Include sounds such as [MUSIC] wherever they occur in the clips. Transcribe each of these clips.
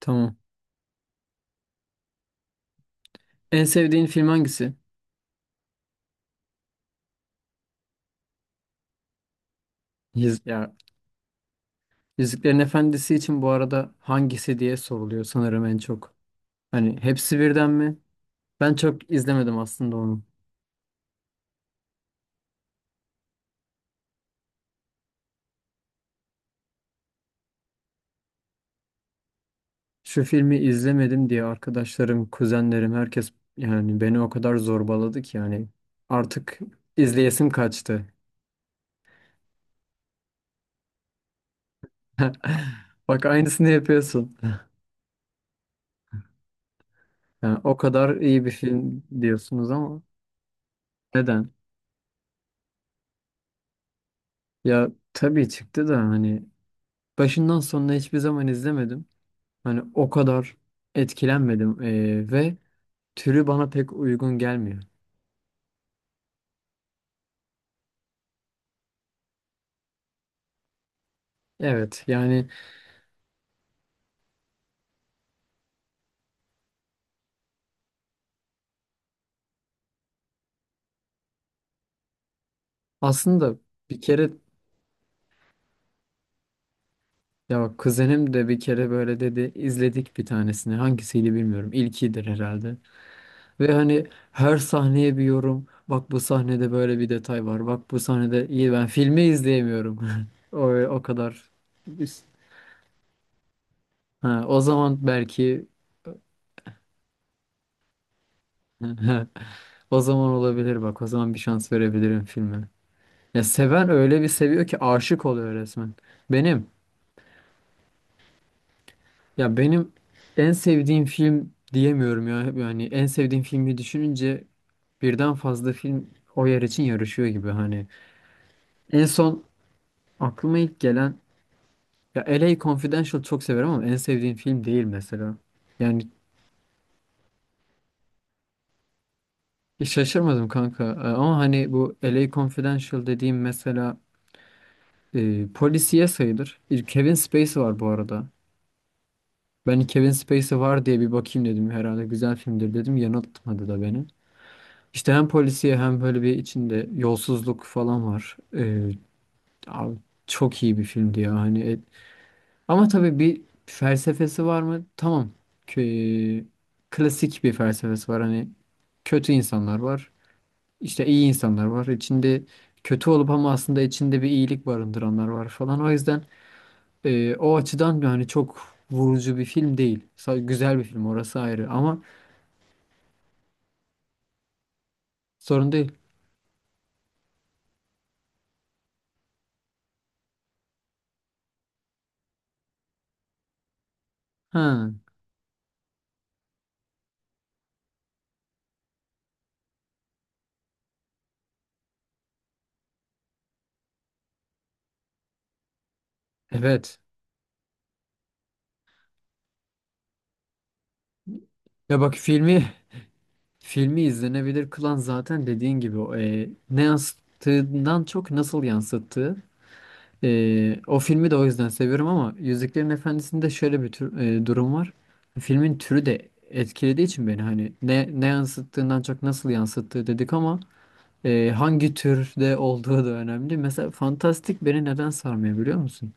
Tamam. En sevdiğin film hangisi? Ya Yüzüklerin Efendisi için bu arada hangisi diye soruluyor sanırım en çok. Hani hepsi birden mi? Ben çok izlemedim aslında onu. Şu filmi izlemedim diye arkadaşlarım, kuzenlerim, herkes yani beni o kadar zorbaladı ki yani artık izleyesim kaçtı. [LAUGHS] Bak aynısını yapıyorsun. Yani o kadar iyi bir film diyorsunuz ama neden? Ya tabii çıktı da hani başından sonuna hiçbir zaman izlemedim. Hani o kadar etkilenmedim ve türü bana pek uygun gelmiyor. Evet yani aslında bir kere ya bak kuzenim de bir kere böyle dedi, izledik bir tanesini, hangisiydi bilmiyorum, ilkidir herhalde. Ve hani her sahneye bir yorum, bak bu sahnede böyle bir detay var, bak bu sahnede iyi, ben filmi izleyemiyorum. [LAUGHS] O, o kadar. Ha, o zaman belki [LAUGHS] o zaman olabilir, bak, o zaman bir şans verebilirim filme. Ya seven öyle bir seviyor ki aşık oluyor resmen. Benim benim en sevdiğim film diyemiyorum ya. Yani en sevdiğim filmi düşününce birden fazla film o yer için yarışıyor gibi hani. En son aklıma ilk gelen, ya, LA Confidential çok severim ama en sevdiğim film değil mesela. Yani şaşırmadım kanka. Ama hani bu LA Confidential dediğim mesela polisiye sayılır. Kevin Spacey var bu arada. Ben Kevin Spacey var diye bir bakayım dedim. Herhalde güzel filmdir dedim. Yanıltmadı da beni. İşte hem polisiye hem böyle bir içinde yolsuzluk falan var. Abi çok iyi bir filmdi ya. Hani ama tabii bir felsefesi var mı? Tamam. Kö- klasik bir felsefesi var. Hani kötü insanlar var. İşte iyi insanlar var. İçinde kötü olup ama aslında içinde bir iyilik barındıranlar var falan. O yüzden o açıdan yani çok vurucu bir film değil. Güzel bir film, orası ayrı, ama sorun değil. Ha, evet. Ya bak, filmi izlenebilir kılan zaten dediğin gibi o, ne yansıttığından çok nasıl yansıttığı. E, o filmi de o yüzden seviyorum ama Yüzüklerin Efendisi'nde şöyle bir tür, durum var. Filmin türü de etkilediği için beni, hani ne yansıttığından çok nasıl yansıttığı dedik ama hangi türde olduğu da önemli. Mesela fantastik beni neden sarmıyor biliyor musun?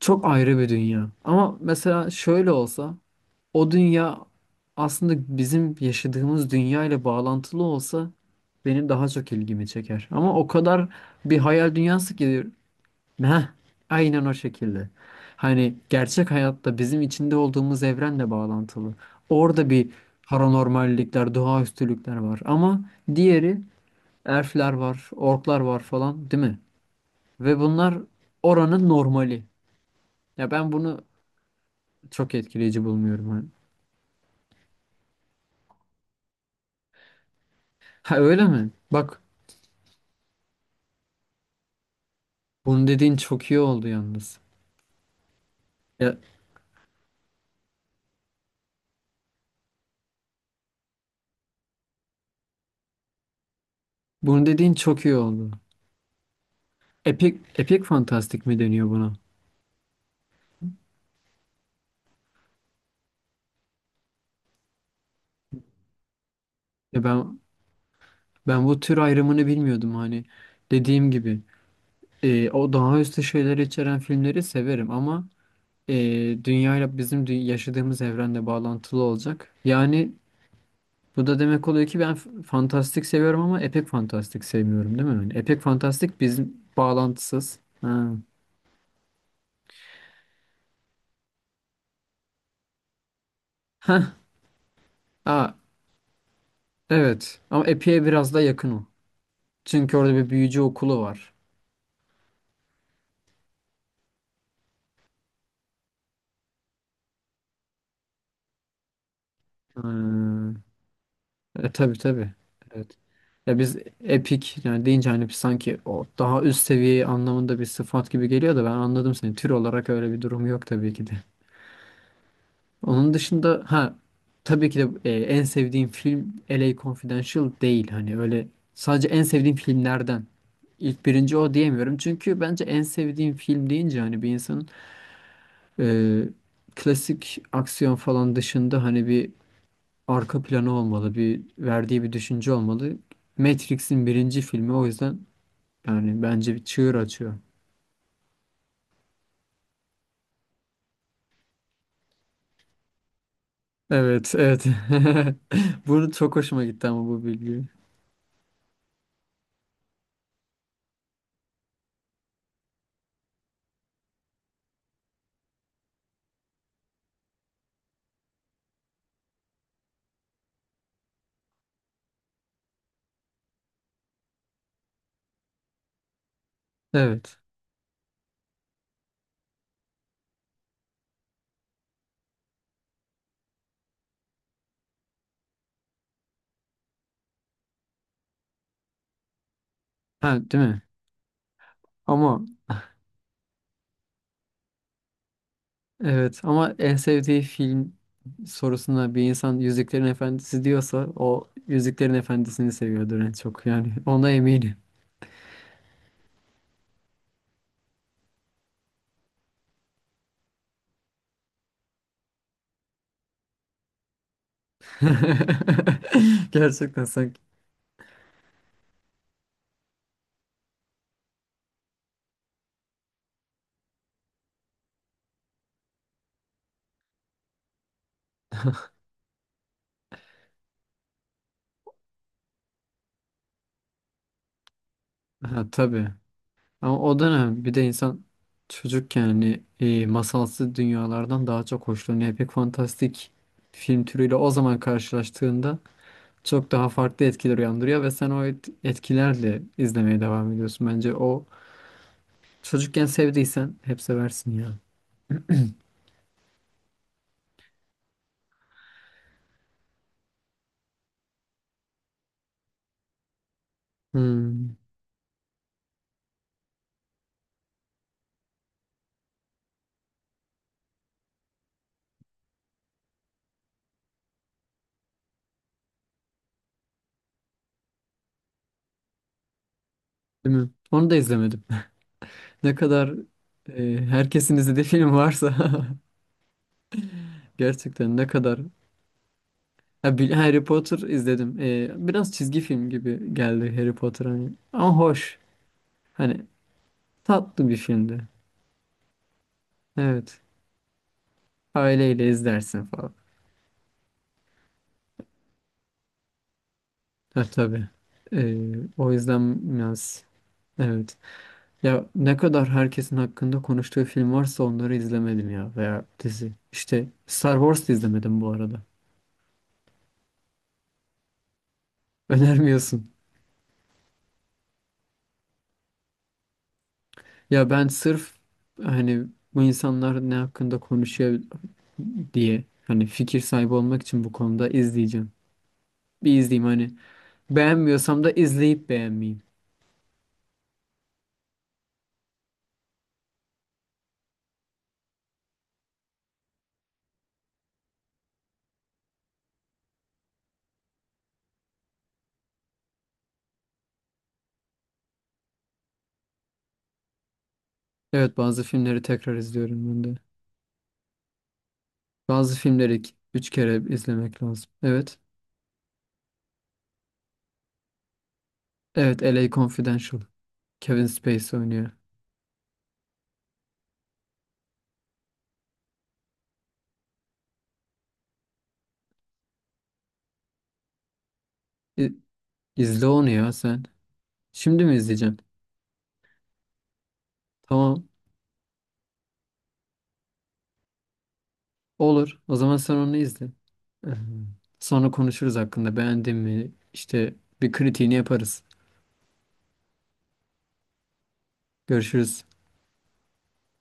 Çok ayrı bir dünya. Ama mesela şöyle olsa, o dünya aslında bizim yaşadığımız dünya ile bağlantılı olsa benim daha çok ilgimi çeker. Ama o kadar bir hayal dünyası ki, heh, aynen o şekilde. Hani gerçek hayatta bizim içinde olduğumuz evrenle bağlantılı. Orada bir paranormallikler, doğaüstülükler var. Ama diğeri, elfler var, orklar var falan, değil mi? Ve bunlar oranın normali. Ya ben bunu çok etkileyici bulmuyorum hani. Ha, öyle mi? Bak, bunu dediğin çok iyi oldu yalnız. Ya, bunu dediğin çok iyi oldu. Epik fantastik mi deniyor buna? Ya ben bu tür ayrımını bilmiyordum hani. Dediğim gibi, o daha üstü şeyler içeren filmleri severim ama e, dünyayla, bizim yaşadığımız evrende bağlantılı olacak. Yani bu da demek oluyor ki ben fantastik seviyorum ama epik fantastik sevmiyorum, değil mi? Yani epik fantastik bizim bağlantısız. Ha. Heh, aa, evet, ama Epi'ye biraz daha yakın o. Çünkü orada bir büyücü okulu var. Hmm. Tabii tabii. Evet. Ya biz epik yani deyince hani biz sanki o daha üst seviye anlamında bir sıfat gibi geliyor da, ben anladım seni. Tür olarak öyle bir durum yok tabii ki de. Onun dışında, ha, tabii ki de en sevdiğim film LA Confidential değil hani öyle, sadece en sevdiğim filmlerden. İlk birinci o diyemiyorum. Çünkü bence en sevdiğim film deyince hani bir insanın, Ee, klasik aksiyon falan dışında hani bir arka planı olmalı, bir verdiği bir düşünce olmalı. Matrix'in birinci filmi o yüzden yani bence bir çığır açıyor. Evet, evet. [LAUGHS] Bunu çok hoşuma gitti ama bu bilgi. Evet. Ha, değil mi? Ama evet, ama en sevdiği film sorusuna bir insan Yüzüklerin Efendisi diyorsa, o Yüzüklerin Efendisi'ni seviyordur en çok, yani ona eminim. [LAUGHS] Gerçekten, sanki. Ha, tabii. Ama o dönem bir de insan çocukken yani masalsı dünyalardan daha çok hoşlanıyor. Pek fantastik film türüyle o zaman karşılaştığında çok daha farklı etkiler uyandırıyor ve sen o etkilerle izlemeye devam ediyorsun. Bence o, çocukken sevdiysen hep seversin ya. Hmm, değil mi? Onu da izlemedim. [LAUGHS] Ne kadar herkesin izlediği film varsa [LAUGHS] gerçekten ne kadar. Ha, Harry Potter izledim. Biraz çizgi film gibi geldi Harry Potter hani. Ama hoş. Hani tatlı bir filmdi. Evet. Aileyle izlersin falan. Ha, tabii. O yüzden biraz, evet. Ya ne kadar herkesin hakkında konuştuğu film varsa onları izlemedim ya, veya dizi. İşte Star Wars da izlemedim bu arada. [LAUGHS] Önermiyorsun. Ya ben sırf hani bu insanlar ne hakkında konuşuyor diye, hani fikir sahibi olmak için bu konuda izleyeceğim. Bir izleyeyim hani, beğenmiyorsam da izleyip beğenmeyeyim. Evet, bazı filmleri tekrar izliyorum ben de. Bazı filmleri iki- üç kere izlemek lazım. Evet. Evet, LA Confidential. Kevin Spacey oynuyor. İ- İzle onu ya sen. Şimdi mi izleyeceksin? Tamam. Olur. O zaman sen onu izle. Ee, Sonra konuşuruz hakkında. Beğendin mi? İşte bir kritiğini yaparız. Görüşürüz.